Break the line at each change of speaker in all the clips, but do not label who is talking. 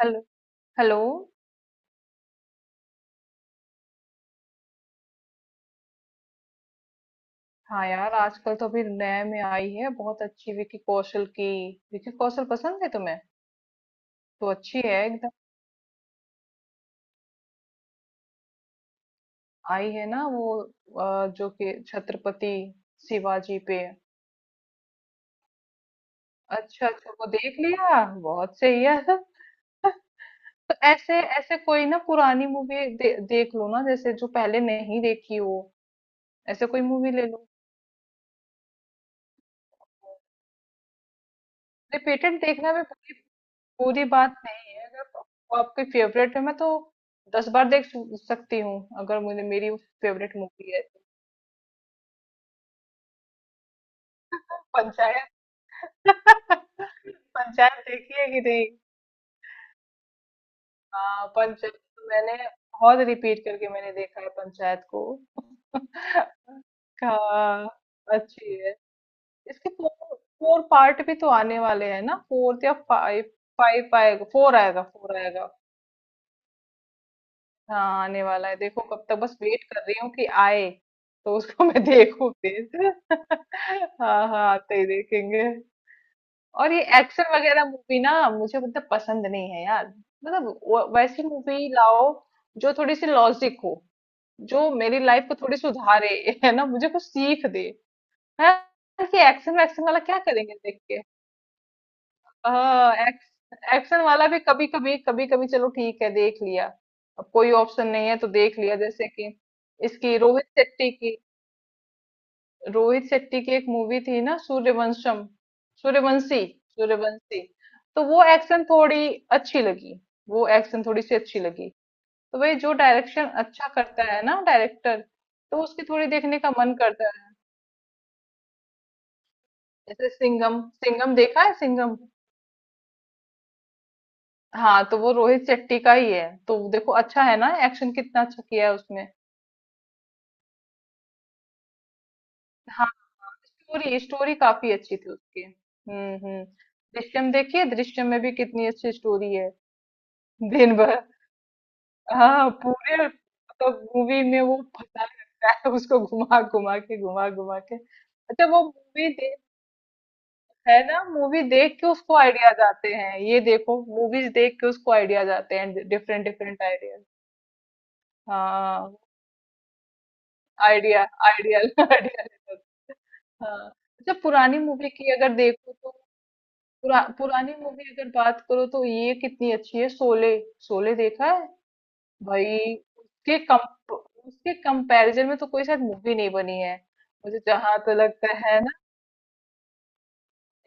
Hello. Hello. हाँ यार, आजकल तो अभी नए में आई है बहुत अच्छी, विकी कौशल की। विकी कौशल पसंद है तुम्हें? तो अच्छी है एकदम। आई है ना वो, जो कि छत्रपति शिवाजी पे। अच्छा अच्छा, वो देख लिया, बहुत सही है। तो ऐसे ऐसे कोई ना पुरानी मूवी देख लो ना, जैसे जो पहले नहीं देखी हो। ऐसे कोई मूवी ले लो। रिपीटेड देखना भी पूरी बात नहीं है, अगर वो आपकी फेवरेट है। मैं तो दस बार देख सकती हूँ, अगर मुझे मेरी फेवरेट मूवी है तो। पंचायत। पंचायत देखी है कि नहीं? हाँ पंचायत तो मैंने बहुत रिपीट करके मैंने देखा है, पंचायत को। हाँ, अच्छी है। इसके फोर फोर पार्ट भी तो आने वाले हैं ना, फोर्थ या फाइव? फाइव आएगा, फोर आएगा, फोर आएगा। हाँ आने वाला है, देखो कब तक, बस वेट कर रही हूँ कि आए। तो उसको मैं देखूं फिर। हाँ हाँ, आते ही देखेंगे। और ये एक्शन वगैरह मूवी ना, मुझे मतलब पसंद नहीं है यार। मतलब वैसी मूवी लाओ जो थोड़ी सी लॉजिक हो, जो मेरी लाइफ को थोड़ी सुधारे, है ना, मुझे कुछ सीख दे है। कि एक्शन वैक्शन वाला क्या करेंगे देख। हाँ एक्शन वाला भी कभी कभी कभी कभी चलो ठीक है देख लिया। अब कोई ऑप्शन नहीं है तो देख लिया, जैसे कि इसकी रोहित शेट्टी की। रोहित शेट्टी की एक मूवी थी ना, सूर्यवंशम, सूर्यवंशी, सूर्यवंशी। तो वो एक्शन थोड़ी अच्छी लगी, वो एक्शन थोड़ी सी अच्छी लगी। तो भाई जो डायरेक्शन अच्छा करता है ना डायरेक्टर, तो उसकी थोड़ी देखने का मन करता है। जैसे सिंघम, सिंघम देखा है, सिंघम। हाँ तो वो रोहित शेट्टी का ही है, तो देखो अच्छा है ना, एक्शन कितना अच्छा किया है उसमें। हाँ, स्टोरी स्टोरी काफी अच्छी थी उसकी। हम्म। हम्म। दृश्यम देखिए, दृश्यम में भी कितनी अच्छी स्टोरी है। दिन भर हाँ पूरे मतलब मूवी में वो फंसा रहता है उसको, घुमा घुमा के घुमा घुमा के। अच्छा वो मूवी देख, है ना, मूवी देख के उसको आइडियाज आते हैं। ये देखो, मूवीज देख के उसको आइडियाज आते हैं, डिफरेंट डिफरेंट आइडियाज। हाँ। Idea idea idea. हाँ। अच्छा पुरानी मूवी की अगर देखो तो, पुरानी मूवी अगर बात करो तो ये कितनी अच्छी है, शोले। शोले देखा है भाई। उसके कम उसके कंपैरिजन में तो कोई शायद मूवी नहीं बनी है। मुझे जहां तो लगता है ना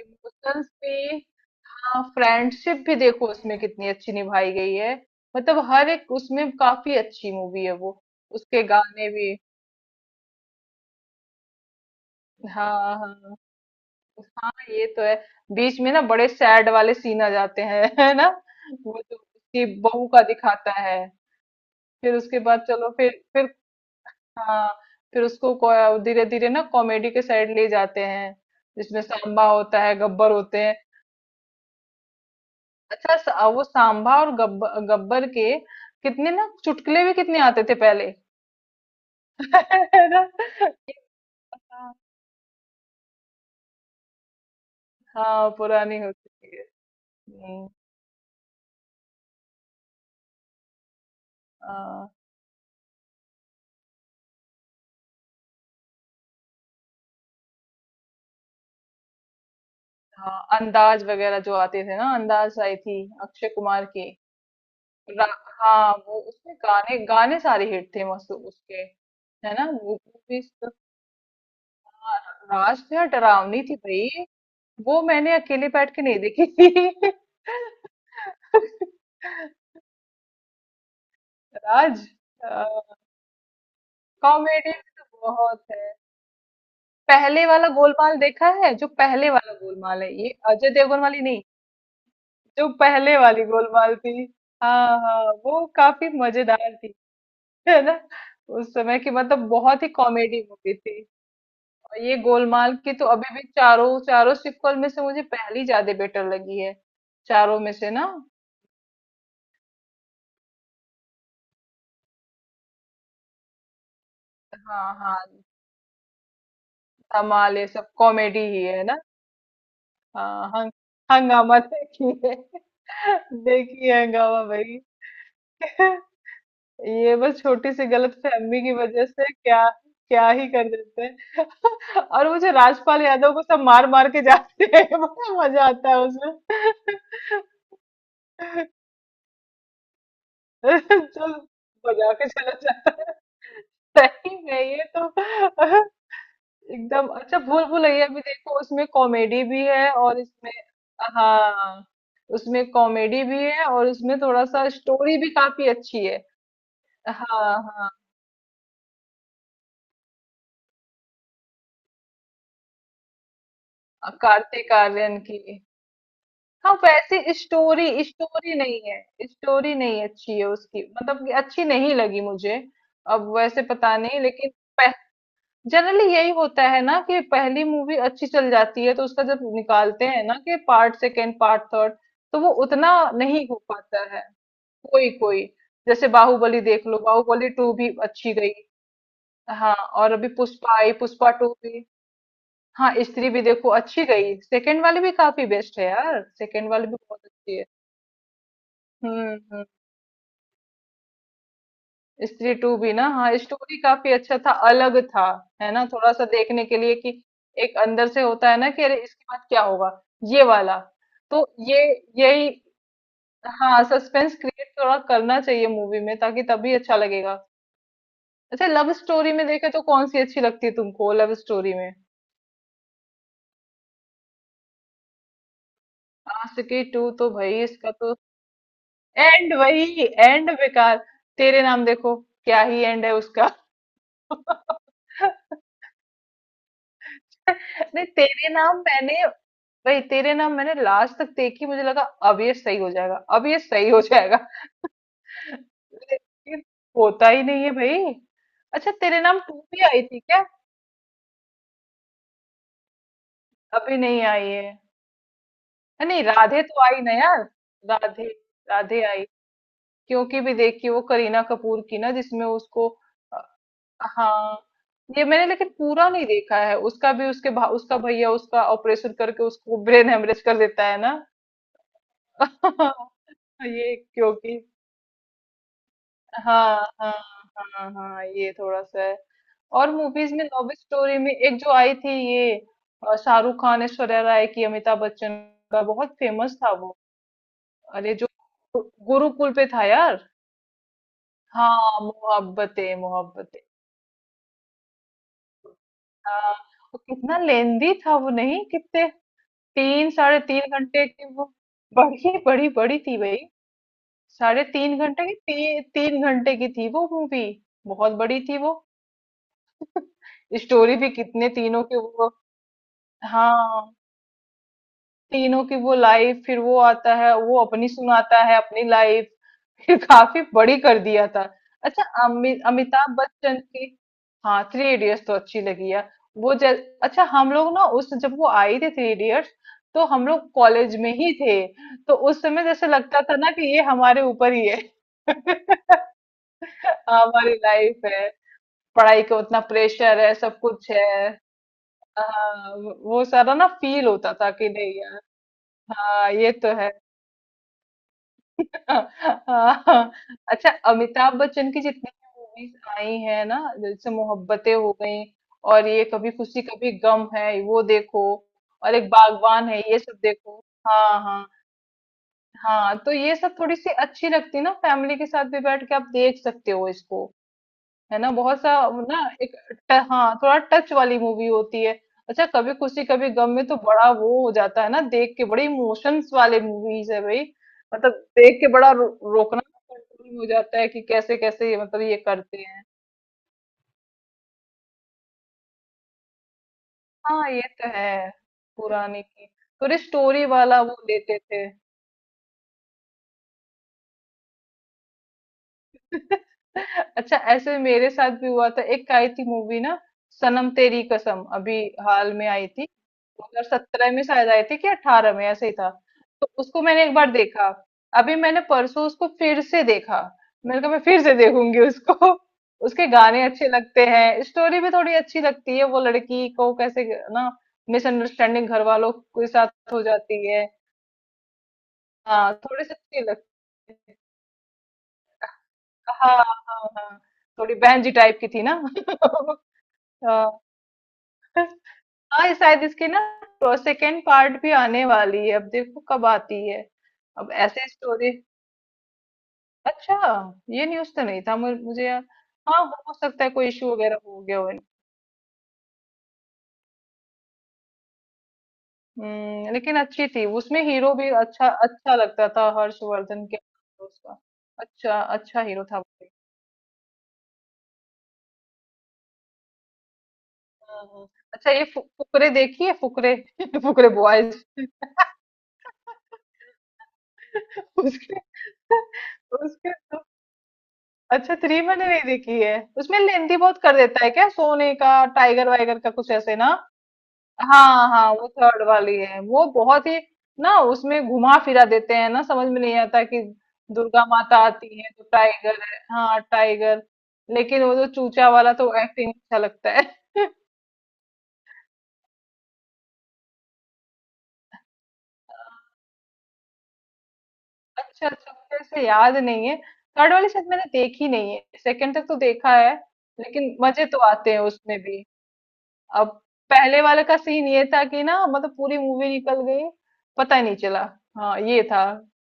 इमोशंस भी। हाँ, फ्रेंडशिप भी देखो उसमें कितनी अच्छी निभाई गई है। मतलब हर एक, उसमें काफी अच्छी मूवी है वो। उसके गाने भी हाँ हाँ, ये तो है। बीच में ना बड़े सैड वाले सीन आ जाते हैं, है ना। वो जो उसकी बहू का दिखाता है। फिर उसके बाद चलो फिर हाँ फिर उसको, धीरे धीरे ना कॉमेडी के साइड ले जाते हैं, जिसमें सांबा होता है, गब्बर होते हैं। अच्छा वो सांबा और गब्बर गब्बर के कितने ना चुटकुले भी कितने आते थे पहले। है ना। हाँ हाँ, पुरानी होती है। हम्म, हाँ हाँ, अंदाज वगैरह जो आते थे ना, अंदाज आई थी अक्षय कुमार की। रा- हाँ वो उसके गाने गाने सारे हिट थे, मस्त उसके। है ना वो भी तो था, राज थे, और डरावनी थी भाई। वो मैंने अकेले बैठ के नहीं देखी थी। राज। कॉमेडी तो बहुत है। पहले वाला गोलमाल देखा है? जो पहले वाला गोलमाल है, ये अजय देवगन वाली नहीं, जो पहले वाली गोलमाल थी। हाँ हाँ, वो काफी मजेदार थी, है ना। उस समय की मतलब बहुत ही कॉमेडी मूवी थी। और ये गोलमाल की तो अभी भी चारों चारों सीक्वल में से मुझे पहली ज्यादा बेटर लगी है, चारों में से ना। हाँ हाँ, धमाल ये सब कॉमेडी ही है ना। हाँ हंगामा देखी है, देखी है हंगामा भाई। ये बस छोटी सी गलतफहमी की वजह से क्या क्या ही कर देते हैं। और मुझे राजपाल यादव को सब मार मार के जाते हैं, बड़ा मजा आता है उसमें। जो बजा के चला, सही में ये तो एकदम अच्छा। भूल भुलैया भी देखो, उसमें कॉमेडी भी है और इसमें हाँ, उसमें कॉमेडी भी है और उसमें थोड़ा सा स्टोरी भी काफी अच्छी है। हाँ हाँ। कार्तिक आर्यन की हाँ वैसे स्टोरी स्टोरी नहीं है, स्टोरी नहीं अच्छी है उसकी, मतलब कि अच्छी नहीं लगी मुझे, अब वैसे पता नहीं लेकिन। जनरली यही होता है ना कि पहली मूवी अच्छी चल जाती है तो उसका जब निकालते हैं ना कि पार्ट सेकेंड, पार्ट थर्ड, तो वो उतना नहीं हो पाता है। कोई कोई, जैसे बाहुबली देख लो, बाहुबली टू भी अच्छी गई। हाँ, और अभी पुष्पा आई, पुष्पा टू भी। हाँ, स्त्री भी देखो अच्छी गई, सेकेंड वाली भी काफी बेस्ट है यार, सेकेंड वाली भी बहुत अच्छी है। हम्म। हम्म। स्त्री टू भी ना हाँ, स्टोरी काफी अच्छा था, अलग था, है ना। थोड़ा सा देखने के लिए कि, एक अंदर से होता है ना कि अरे इसके बाद क्या होगा ये वाला। तो ये यही, हाँ सस्पेंस क्रिएट थोड़ा करना चाहिए मूवी में, ताकि तभी अच्छा लगेगा। अच्छा लव स्टोरी में देखे तो कौन सी अच्छी लगती है तुमको, लव स्टोरी में? आशिकी टू तो भाई इसका तो एंड, वही एंड बेकार। तेरे नाम देखो, क्या ही एंड है उसका। नहीं तेरे नाम मैंने, भाई तेरे ना मैंने लास्ट तक देखी, मुझे लगा अब ये सही हो जाएगा, अब ये सही हो जाएगा। लेकिन होता ही नहीं है भाई। अच्छा तेरे नाम टू भी आई थी क्या? अभी नहीं आई है। नहीं, राधे तो आई ना यार, राधे, राधे आई। क्योंकि भी देखी वो करीना कपूर की ना, जिसमें उसको अ, हाँ ये मैंने लेकिन पूरा नहीं देखा है उसका भी, उसके उसका भैया उसका ऑपरेशन करके उसको ब्रेन हेमरेज कर देता है ना। ये क्योंकि हाँ हाँ हाँ हाँ, ये थोड़ा सा है। और मूवीज में लव स्टोरी में एक जो आई थी ये, शाहरुख खान, ऐश्वर्या राय की, अमिताभ बच्चन का, बहुत फेमस था वो, अरे जो गुरुकुल पे था यार। हाँ मोहब्बतें, मोहब्बतें। हाँ वो कितना लेंदी था वो, नहीं कितने, तीन साढ़े तीन घंटे की वो, बड़ी बड़ी बड़ी थी भाई। साढ़े तीन घंटे की तीन घंटे की थी वो मूवी। बहुत बड़ी थी वो। स्टोरी भी कितने तीनों के वो, हाँ, तीनों की वो लाइफ, फिर वो आता है वो अपनी सुनाता है अपनी लाइफ, फिर काफी बड़ी कर दिया था। अच्छा अमिताभ बच्चन की। हाँ थ्री इडियट्स तो अच्छी लगी यार। वो अच्छा हम लोग ना उस जब वो आई थी थ्री इडियट्स, तो हम लोग कॉलेज में ही थे। तो उस समय जैसे लगता था ना कि ये हमारे ऊपर ही है, हमारी लाइफ है। पढ़ाई का उतना प्रेशर है, सब कुछ है। हाँ, वो सारा ना फील होता था कि नहीं। हाँ ये तो है। हाँ। अच्छा अमिताभ बच्चन की जितनी भी मूवीज आई है ना, जैसे मोहब्बतें हो गई, और ये कभी खुशी कभी गम है वो देखो, और एक बागवान है, ये सब देखो। हाँ हाँ हाँ। तो ये सब थोड़ी सी अच्छी लगती है ना, फैमिली के साथ भी बैठ के आप देख सकते हो इसको। है ना बहुत सा ना एक हाँ थोड़ा टच वाली मूवी होती है। अच्छा कभी खुशी कभी गम में तो बड़ा वो हो जाता है ना देख के, बड़े इमोशंस वाले मूवीज है भाई। मतलब देख के बड़ा रोकना कंट्रोल हो जाता है कि कैसे कैसे ये मतलब ये करते हैं। हाँ ये तो है। पुराने की थोड़ी स्टोरी वाला वो लेते थे। अच्छा ऐसे मेरे साथ भी हुआ था, एक आई थी मूवी ना, सनम तेरी कसम अभी हाल में आई थी। 2017 में शायद आई थी कि 18 में, ऐसे ही था। तो उसको मैंने एक बार देखा, अभी मैंने परसों उसको फिर से देखा। मैंने कहा मैं फिर से देखूंगी उसको। उसके गाने अच्छे लगते हैं, स्टोरी भी थोड़ी अच्छी लगती है, वो लड़की को कैसे ना मिसअंडरस्टैंडिंग घर वालों के साथ हो जाती है। हाँ थोड़ी सी अच्छी लगती है। हाँ हाँ हाँ, थोड़ी बहन जी टाइप की थी ना। हाँ हाँ ये शायद इसके ना सेकेंड पार्ट भी आने वाली है, अब देखो कब आती है। अब ऐसे स्टोरी, अच्छा ये न्यूज़ तो नहीं था मुझे मुझे यार। हाँ हो सकता है कोई इशू वगैरह हो गया हो। लेकिन अच्छी थी, उसमें हीरो भी अच्छा, अच्छा लगता था हर्षवर्धन के। उसका अच्छा अच्छा हीरो था वो। हम्म, अच्छा ये फुकरे देखी है, फुकरे, फुकरे बॉयज। उसके उसके अच्छा थ्री मैंने नहीं देखी है, उसमें लेंथी बहुत कर देता है, क्या सोने का टाइगर वाइगर का कुछ ऐसे ना। हाँ हाँ वो थर्ड वाली है वो बहुत ही ना, उसमें घुमा फिरा देते हैं ना, समझ में नहीं आता कि दुर्गा माता आती है तो टाइगर है, हाँ टाइगर। लेकिन वो जो चूचा वाला तो एक्टिंग अच्छा लगता है। अच्छा अच्छा, मुझे ऐसे याद नहीं है, थर्ड वाली शायद मैंने देखी नहीं है, सेकंड तक तो देखा है। लेकिन मजे तो आते हैं उसमें भी। अब पहले वाले का सीन ये था कि ना, मतलब पूरी मूवी निकल गई, पता ही नहीं चला, हाँ ये था,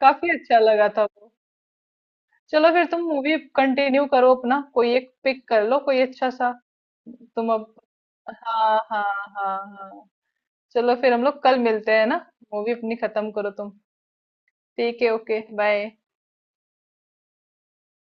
काफी अच्छा लगा था वो। चलो फिर तुम मूवी कंटिन्यू करो, अपना कोई एक पिक कर लो कोई अच्छा सा। तुम अब हाँ हाँ हाँ हाँ, चलो फिर हम लोग कल मिलते हैं ना, मूवी अपनी खत्म करो तुम। ठीक है, ओके, बाय।